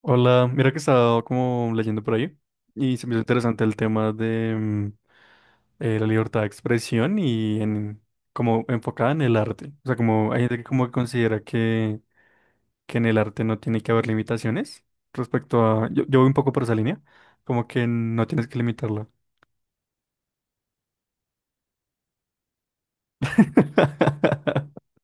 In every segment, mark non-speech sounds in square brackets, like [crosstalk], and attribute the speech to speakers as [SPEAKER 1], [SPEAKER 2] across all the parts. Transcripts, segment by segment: [SPEAKER 1] Hola, mira que estaba como leyendo por ahí y se me hizo interesante el tema de la libertad de expresión como enfocada en el arte. O sea, como hay gente que como que considera que en el arte no tiene que haber limitaciones. Yo voy un poco por esa línea, como que no tienes que limitarlo. [laughs]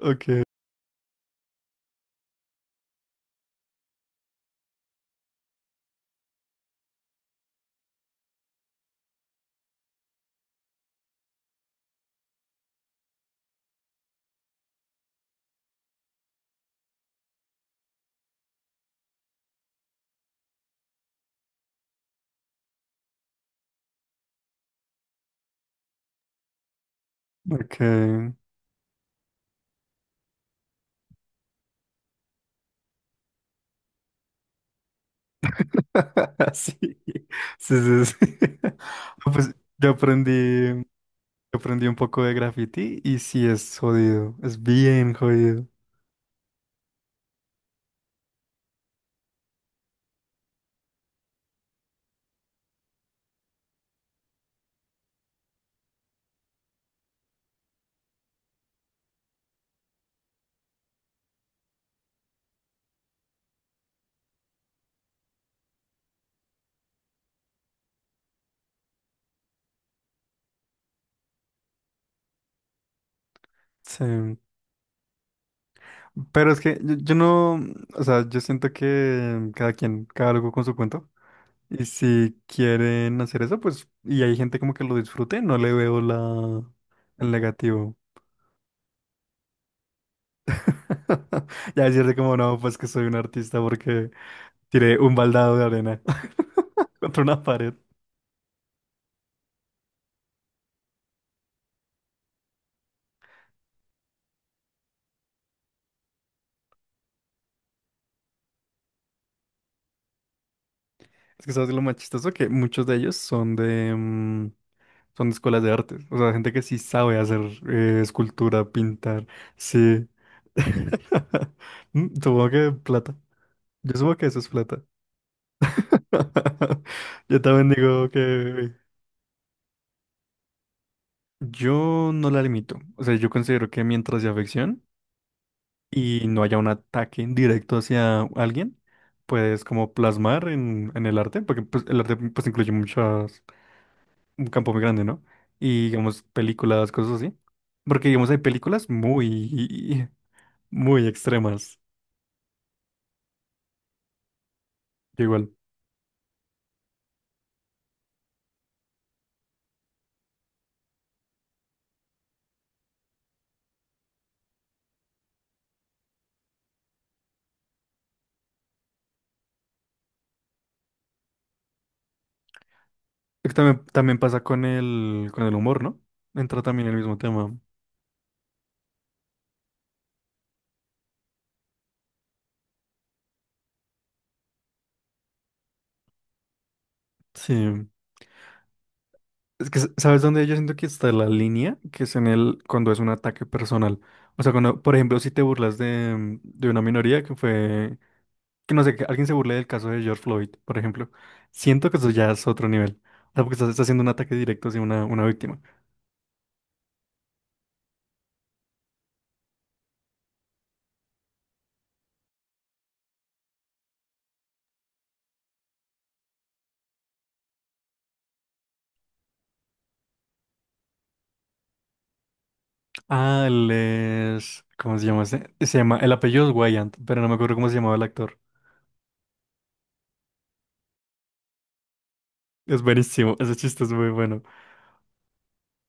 [SPEAKER 1] Ok, ok. [laughs] Sí, sí, sí, sí. [laughs] Pues yo aprendí. Aprendí un poco de graffiti y sí es jodido, es bien jodido. Sí. Pero es que yo no, o sea, yo siento que cada quien, cada loco con su cuento. Y si quieren hacer eso, pues, y hay gente como que lo disfrute, no le veo el negativo. [laughs] Ya decirte como, no, pues que soy un artista porque tiré un baldado de arena [laughs] contra una pared. Es que sabes lo más chistoso que muchos de ellos son de escuelas de artes. O sea, gente que sí sabe hacer escultura, pintar. Sí. [laughs] Supongo que plata. Yo supongo que eso es plata. [laughs] Yo también digo que yo no la limito. O sea, yo considero que mientras sea ficción y no haya un ataque directo hacia alguien, puedes como plasmar en el arte, porque pues, el arte pues incluye muchas un campo muy grande, ¿no? Y digamos, películas, cosas así. Porque digamos, hay películas muy, [laughs] muy extremas. Que igual. Es que también pasa con el humor, ¿no? Entra también el mismo tema. Sí. Es que, ¿sabes dónde yo siento que está la línea? Que es en cuando es un ataque personal. O sea, cuando, por ejemplo, si te burlas de una minoría, que no sé, que alguien se burle del caso de George Floyd, por ejemplo. Siento que eso ya es otro nivel. O sea, porque estás haciendo un ataque directo hacia una víctima. Ah, ¿Cómo se llama ese? El apellido es Wayant, pero no me acuerdo cómo se llamaba el actor. Es buenísimo, ese chiste es muy bueno.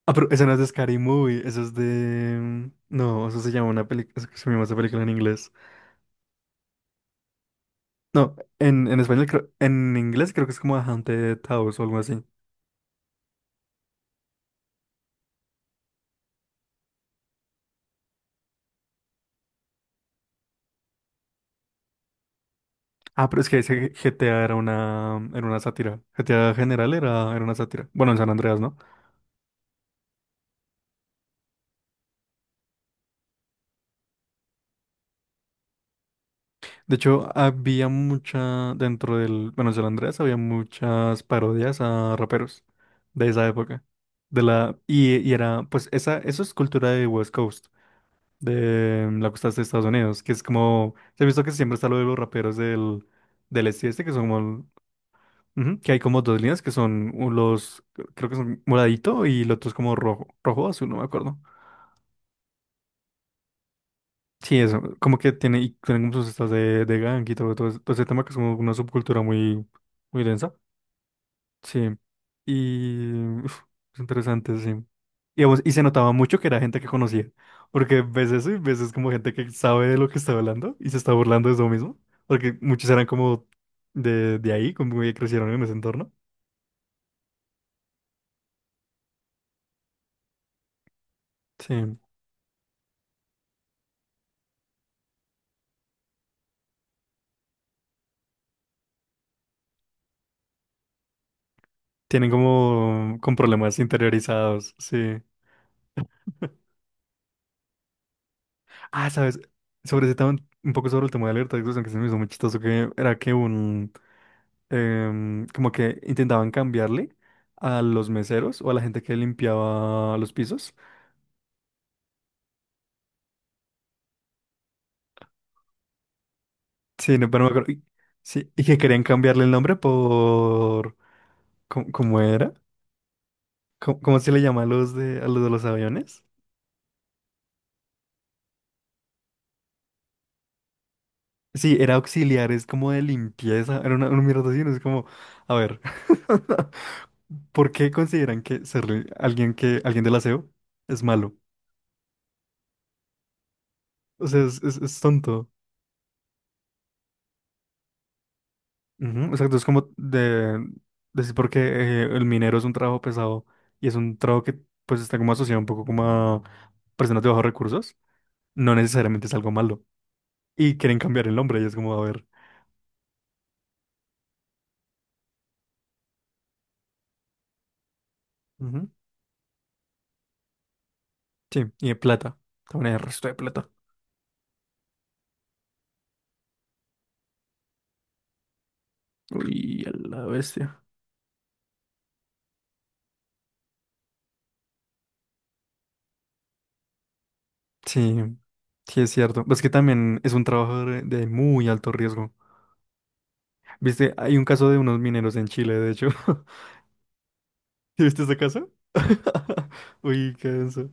[SPEAKER 1] Ah, pero ese no es de Scary Movie, eso es de. No, eso se llama una película. Se llama esa película en inglés. No, en español creo. En inglés creo que es como A Haunted House o algo así. Ah, pero es que ese GTA era Era una sátira. GTA general era una sátira. Bueno, en San Andreas, ¿no? De hecho, había mucha, dentro del, bueno, San Andrés había muchas parodias a raperos de esa época. Y era, pues eso es cultura de West Coast, la costa este de Estados Unidos, que es como, se ha visto que siempre está lo de los raperos del este, que son como, ujú, que hay como dos líneas que son creo que son moradito y el otro es como rojo o azul, no me acuerdo. Sí, eso, como que tiene, y tienen como sus estas de gang y todo, todo ese tema que es como una subcultura muy densa. Sí, y uf, es interesante, sí. Y, vamos, y se notaba mucho que era gente que conocía, porque ves eso y ves es como gente que sabe de lo que está hablando y se está burlando de eso mismo, porque muchos eran como de ahí, como que crecieron en ese entorno. Sí, tienen como con problemas interiorizados, sí. Ah, sabes, sobre ese tema, un poco sobre el tema de la libertad de expresión, que se me hizo muy chistoso, que era que como que intentaban cambiarle a los meseros o a la gente que limpiaba los pisos. Sí, no, pero no me acuerdo. Sí, y que querían cambiarle el nombre por. ¿Cómo era? ¿Cómo se le llama a a los de los aviones? Sí, era auxiliares como de limpieza. Era una mierda así, no es como. A ver. [laughs] ¿Por qué consideran que ser alguien del aseo es malo? O sea, es tonto. Ujú, exacto, es como de decir porque el minero es un trabajo pesado y es un trabajo que pues está como asociado un poco como a personas de bajos recursos, no necesariamente es algo malo. Y quieren cambiar el nombre y es como, a ver. Ujú, sí, y de plata, también hay el resto de plata. Uy, a la bestia. Sí, sí es cierto. Es que también es un trabajo de muy alto riesgo. Viste, hay un caso de unos mineros en Chile, de hecho. [laughs] ¿Sí? ¿Viste ese caso? [laughs] Uy, qué denso.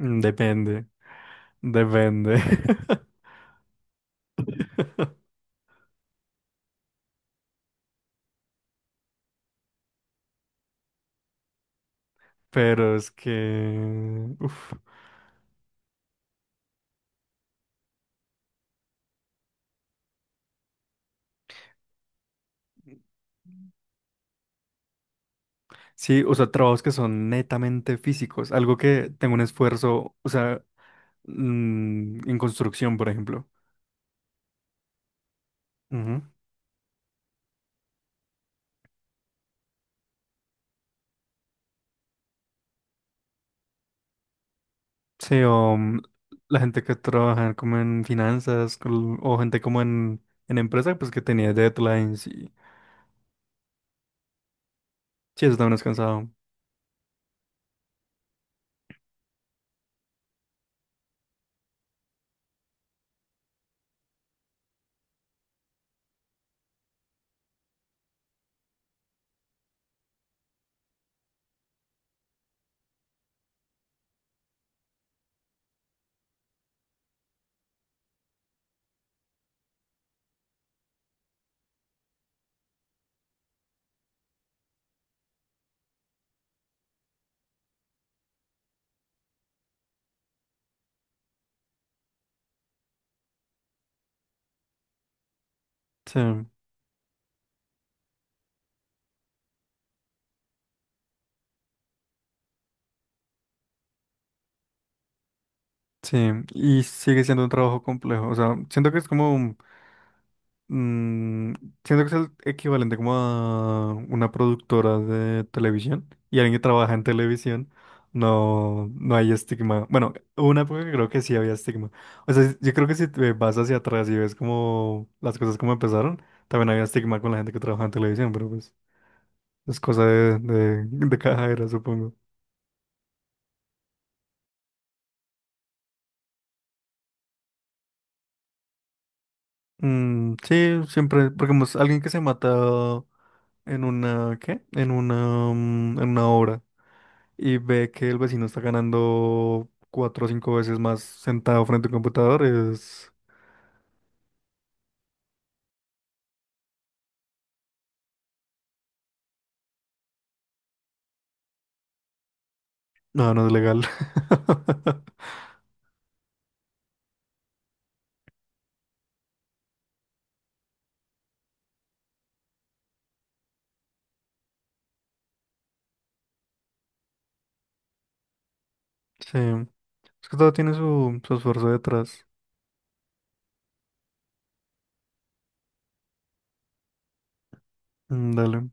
[SPEAKER 1] Depende. Depende. [laughs] Pero es que uf. Sí, o sea, trabajos que son netamente físicos, algo que tenga un esfuerzo, o sea, en construcción, por ejemplo. Ujú. Sí, la gente que trabaja como en finanzas, o gente como en empresa, pues que tenía deadlines y. Sí, eso también es cansado. Sí, sí, y sigue siendo un trabajo complejo, o sea, siento que es como. Mm, siento que es el equivalente como a una productora de televisión y alguien que trabaja en televisión, no hay estigma. Bueno, hubo una época que creo que sí había estigma. O sea, yo creo que si te vas hacia atrás y ves como las cosas como empezaron, también había estigma con la gente que trabaja en televisión, pero pues es cosa de cada era, supongo. Mm, sí, siempre, porque pues, alguien que se mata en una, ¿qué? En una obra y ve que el vecino está ganando cuatro o cinco veces más sentado frente a un computador, es. No, no es legal. [laughs] Sí, es que todo tiene su esfuerzo detrás. Mm, Dale,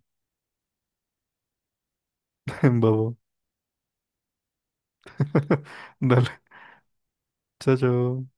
[SPEAKER 1] [laughs] babo. [laughs] Dale, chao, chao.